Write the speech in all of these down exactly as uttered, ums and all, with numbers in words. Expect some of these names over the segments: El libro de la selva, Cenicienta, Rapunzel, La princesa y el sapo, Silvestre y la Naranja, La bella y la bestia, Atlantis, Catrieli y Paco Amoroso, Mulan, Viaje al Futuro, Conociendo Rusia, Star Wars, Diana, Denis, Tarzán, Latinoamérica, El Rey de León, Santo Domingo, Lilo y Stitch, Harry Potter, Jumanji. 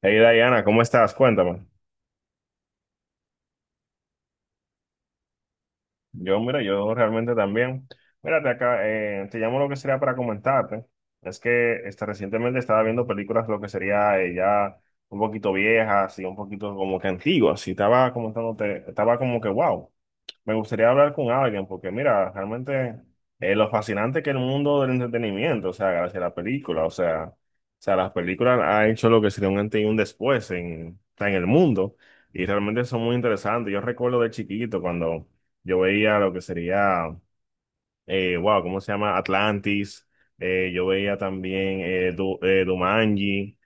Hey Diana, ¿cómo estás? Cuéntame. Yo, mira, yo realmente también. Mírate acá, eh, te llamo lo que sería para comentarte. Es que este, recientemente estaba viendo películas lo que sería eh, ya un poquito viejas y un poquito como que antiguas. Y estaba comentándote, estaba como que wow. Me gustaría hablar con alguien porque mira, realmente eh, lo fascinante que es el mundo del entretenimiento, o sea, gracias a la película, o sea, o sea, las películas han hecho lo que sería un antes y un después en, o sea, en el mundo y realmente son muy interesantes. Yo recuerdo de chiquito cuando yo veía lo que sería, eh, wow, ¿cómo se llama? Atlantis, eh, yo veía también eh, Du- eh, Jumanji.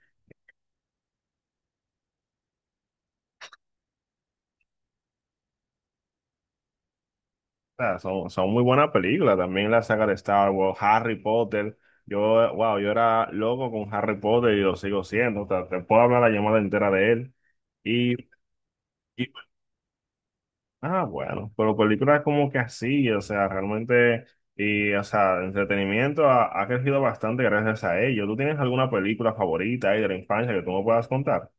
Sea, son, son muy buenas películas. También la saga de Star Wars, Harry Potter. Yo, wow, yo era loco con Harry Potter y lo sigo siendo. O sea, te puedo hablar la llamada entera de él. Y, y- ah, bueno, pero películas como que así, o sea, realmente, y, o sea, el entretenimiento ha, ha crecido bastante gracias a ello. ¿Tú tienes alguna película favorita ahí de la infancia que tú me puedas contar?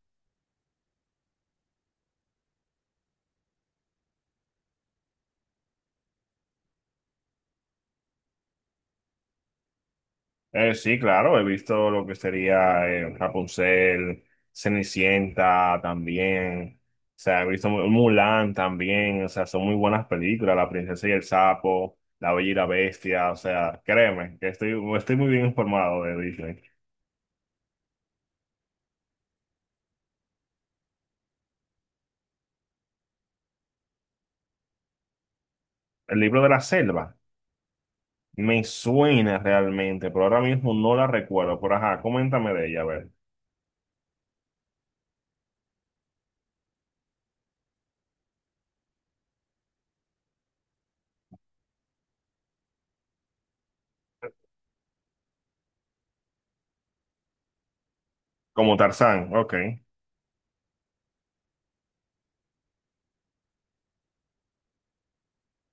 Eh, sí, claro, he visto lo que sería eh, Rapunzel, Cenicienta también, o sea, he visto Mu- Mulan también, o sea, son muy buenas películas, La princesa y el sapo, La bella y la bestia, o sea, créeme, que estoy, estoy muy bien informado de Disney. El libro de la selva me suena realmente, pero ahora mismo no la recuerdo, pero ajá, coméntame de ella, a ver. Como Tarzán, ok.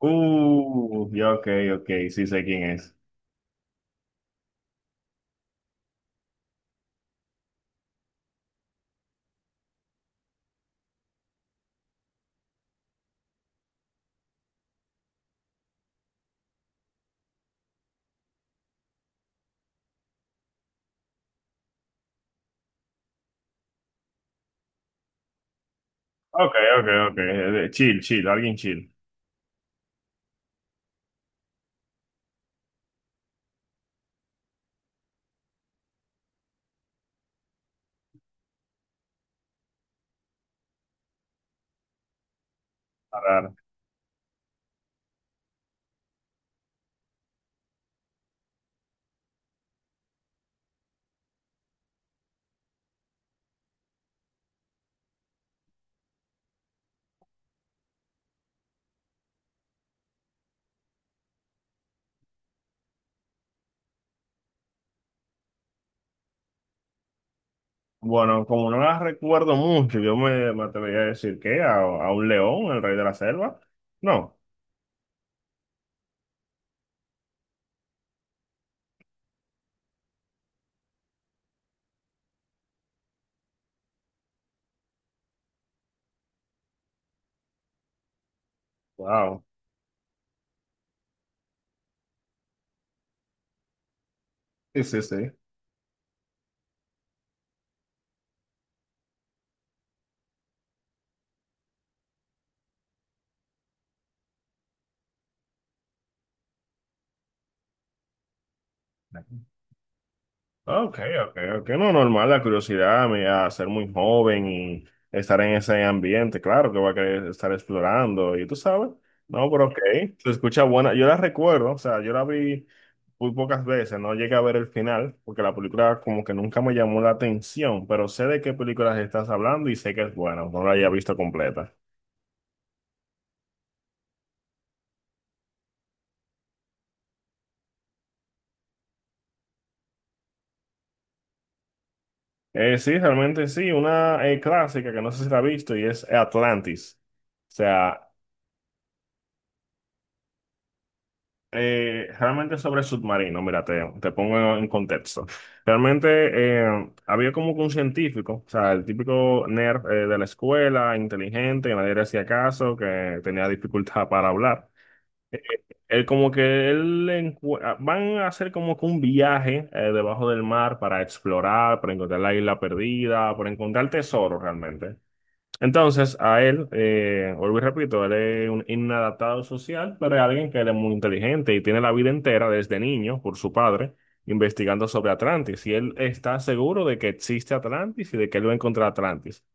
Uh, ya, ok, ok, sí sé quién es. Ok, ok, ok. eh, Chill, chill, alguien chill. Claro. Bueno, como no las recuerdo mucho, yo me, me atrevería a decir que a, a un león, el rey de la selva. No. Wow. Sí, sí, sí. Ok, ok, ok. No, normal, la curiosidad me a ser muy joven y estar en ese ambiente, claro que va a querer estar explorando y tú sabes. No, pero ok, se escucha buena. Yo la recuerdo, o sea, yo la vi muy pocas veces, no llegué a ver el final, porque la película como que nunca me llamó la atención, pero sé de qué películas estás hablando y sé que es buena, no la haya visto completa. Eh, sí, realmente sí, una eh, clásica que no sé si la has visto y es Atlantis. O sea, Eh, realmente sobre el submarino, mira, te, te pongo en contexto. Realmente eh, había como que un científico, o sea, el típico nerd eh, de la escuela, inteligente, que nadie le hacía caso, que tenía dificultad para hablar. Eh, Él como que él encu- van a hacer como que un viaje eh, debajo del mar para explorar, para encontrar la isla perdida, para encontrar tesoro realmente. Entonces, a él, eh, vuelvo y repito, él es un inadaptado social, pero es alguien que él es muy inteligente y tiene la vida entera desde niño por su padre investigando sobre Atlantis. Y él está seguro de que existe Atlantis y de que él va a encontrar Atlantis.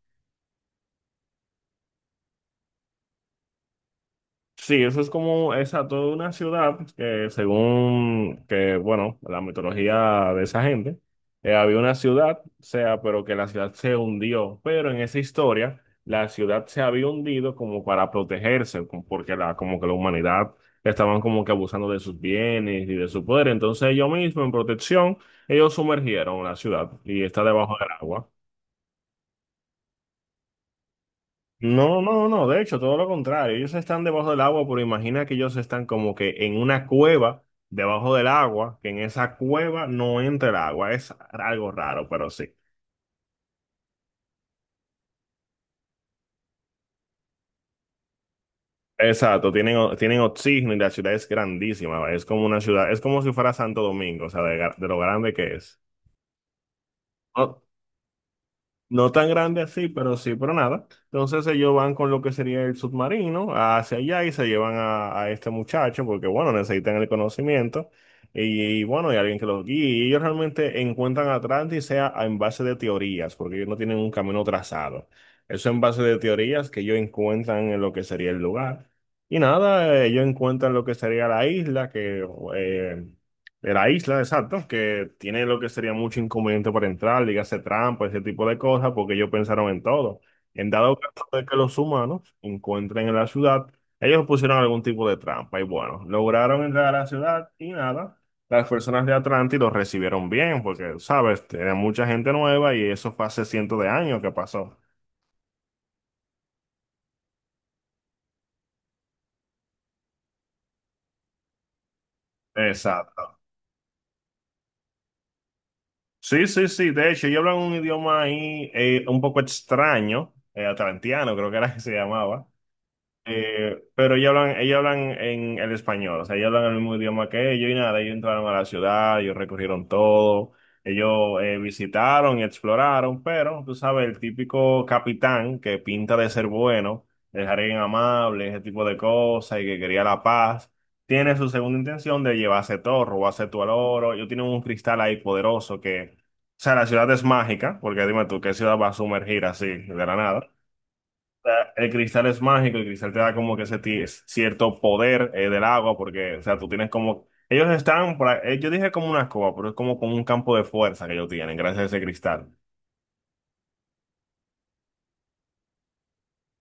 Sí, eso es como esa toda una ciudad que según que, bueno, la mitología de esa gente, eh, había una ciudad, o sea, pero que la ciudad se hundió, pero en esa historia la ciudad se había hundido como para protegerse, como porque la, como que la humanidad estaban como que abusando de sus bienes y de su poder, entonces ellos mismos en protección, ellos sumergieron la ciudad y está debajo del agua. No, no, no, de hecho, todo lo contrario. Ellos están debajo del agua, pero imagina que ellos están como que en una cueva debajo del agua, que en esa cueva no entra el agua. Es algo raro, pero sí. Exacto, tienen, o- tienen oxígeno y la ciudad es grandísima. ¿Vale? Es como una ciudad, es como si fuera Santo Domingo, o sea, de, gar- de lo grande que es. No, no tan grande así, pero sí, pero nada. Entonces ellos van con lo que sería el submarino hacia allá y se llevan a, a este muchacho porque, bueno, necesitan el conocimiento y, y, bueno, hay alguien que los guíe. Y ellos realmente encuentran Atlantis sea en base de teorías, porque ellos no tienen un camino trazado. Eso en base de teorías que ellos encuentran en lo que sería el lugar. Y nada, ellos encuentran lo que sería la isla, que eh, de la isla, exacto, que tiene lo que sería mucho inconveniente para entrar, dígase trampa, ese tipo de cosas, porque ellos pensaron en todo. En dado caso de que los humanos encuentren en la ciudad, ellos pusieron algún tipo de trampa y bueno, lograron entrar a la ciudad y nada, las personas de Atlantis los recibieron bien, porque, sabes, era mucha gente nueva y eso fue hace cientos de años que pasó. Exacto. Sí, sí, sí. De hecho, ellos hablan un idioma ahí eh, un poco extraño, eh, atlantiano, creo que era que se llamaba. Eh, pero ellos hablan, ellos hablan en el español, o sea, ellos hablan el mismo idioma que ellos y nada, ellos entraron a la ciudad, ellos recorrieron todo, ellos eh, visitaron y exploraron, pero tú sabes, el típico capitán que pinta de ser bueno, de alguien amable, ese tipo de cosas y que quería la paz, tiene su segunda intención de llevarse todo, robarse todo el oro, ellos tienen un cristal ahí poderoso que, o sea, la ciudad es mágica, porque dime tú, ¿qué ciudad va a sumergir así de la nada? Sea, el cristal es mágico, el cristal te da como que ese ti- cierto poder eh, del agua, porque, o sea, tú tienes como... Ellos están, por ahí- eh, yo dije como una escoba, pero es como con un campo de fuerza que ellos tienen, gracias a ese cristal.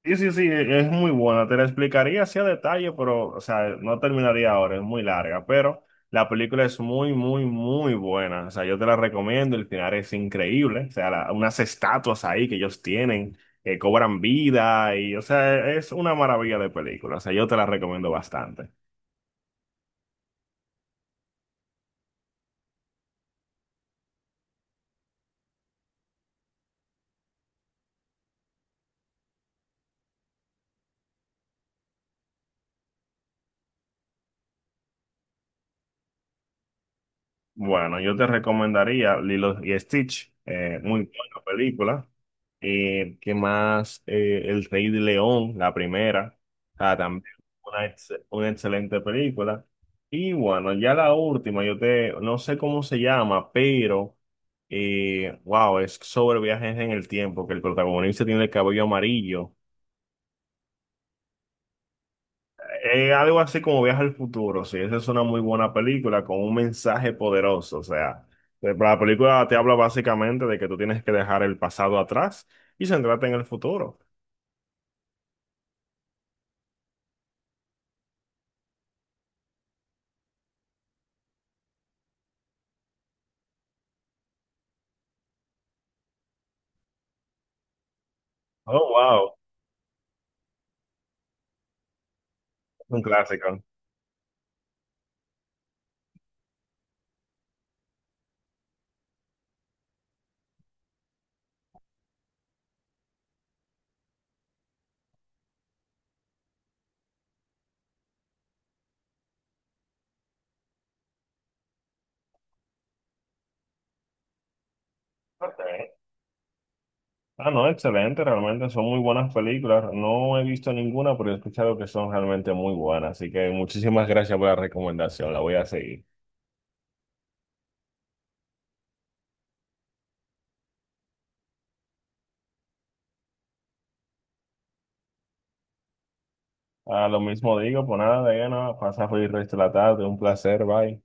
Sí, sí, sí, e-, es muy buena. Te la explicaría así a detalle, pero, o sea, no terminaría ahora, es muy larga, pero la película es muy, muy, muy buena. O sea, yo te la recomiendo, el final es increíble. O sea, la- unas estatuas ahí que ellos tienen, que cobran vida y, o sea, es una maravilla de película. O sea, yo te la recomiendo bastante. Bueno, yo te recomendaría Lilo y Stitch, eh, muy buena película. Eh, ¿qué más? Eh, El Rey de León, la primera. O sea, también una, ex- una excelente película. Y bueno, ya la última, yo te, no sé cómo se llama, pero, eh, wow, es sobre viajes en el tiempo, que el protagonista tiene el cabello amarillo. Eh, algo así como Viaje al Futuro, sí, esa es una muy buena película con un mensaje poderoso, o sea, eh, la película te habla básicamente de que tú tienes que dejar el pasado atrás y centrarte en el futuro. Oh, wow. Un clásico. Ok. Ah, no, excelente, realmente son muy buenas películas. No he visto ninguna, pero he escuchado que son realmente muy buenas. Así que muchísimas gracias por la recomendación, la voy a seguir. Ah, lo mismo digo, pues nada, Diana, pasa feliz resto de la tarde, un placer, bye.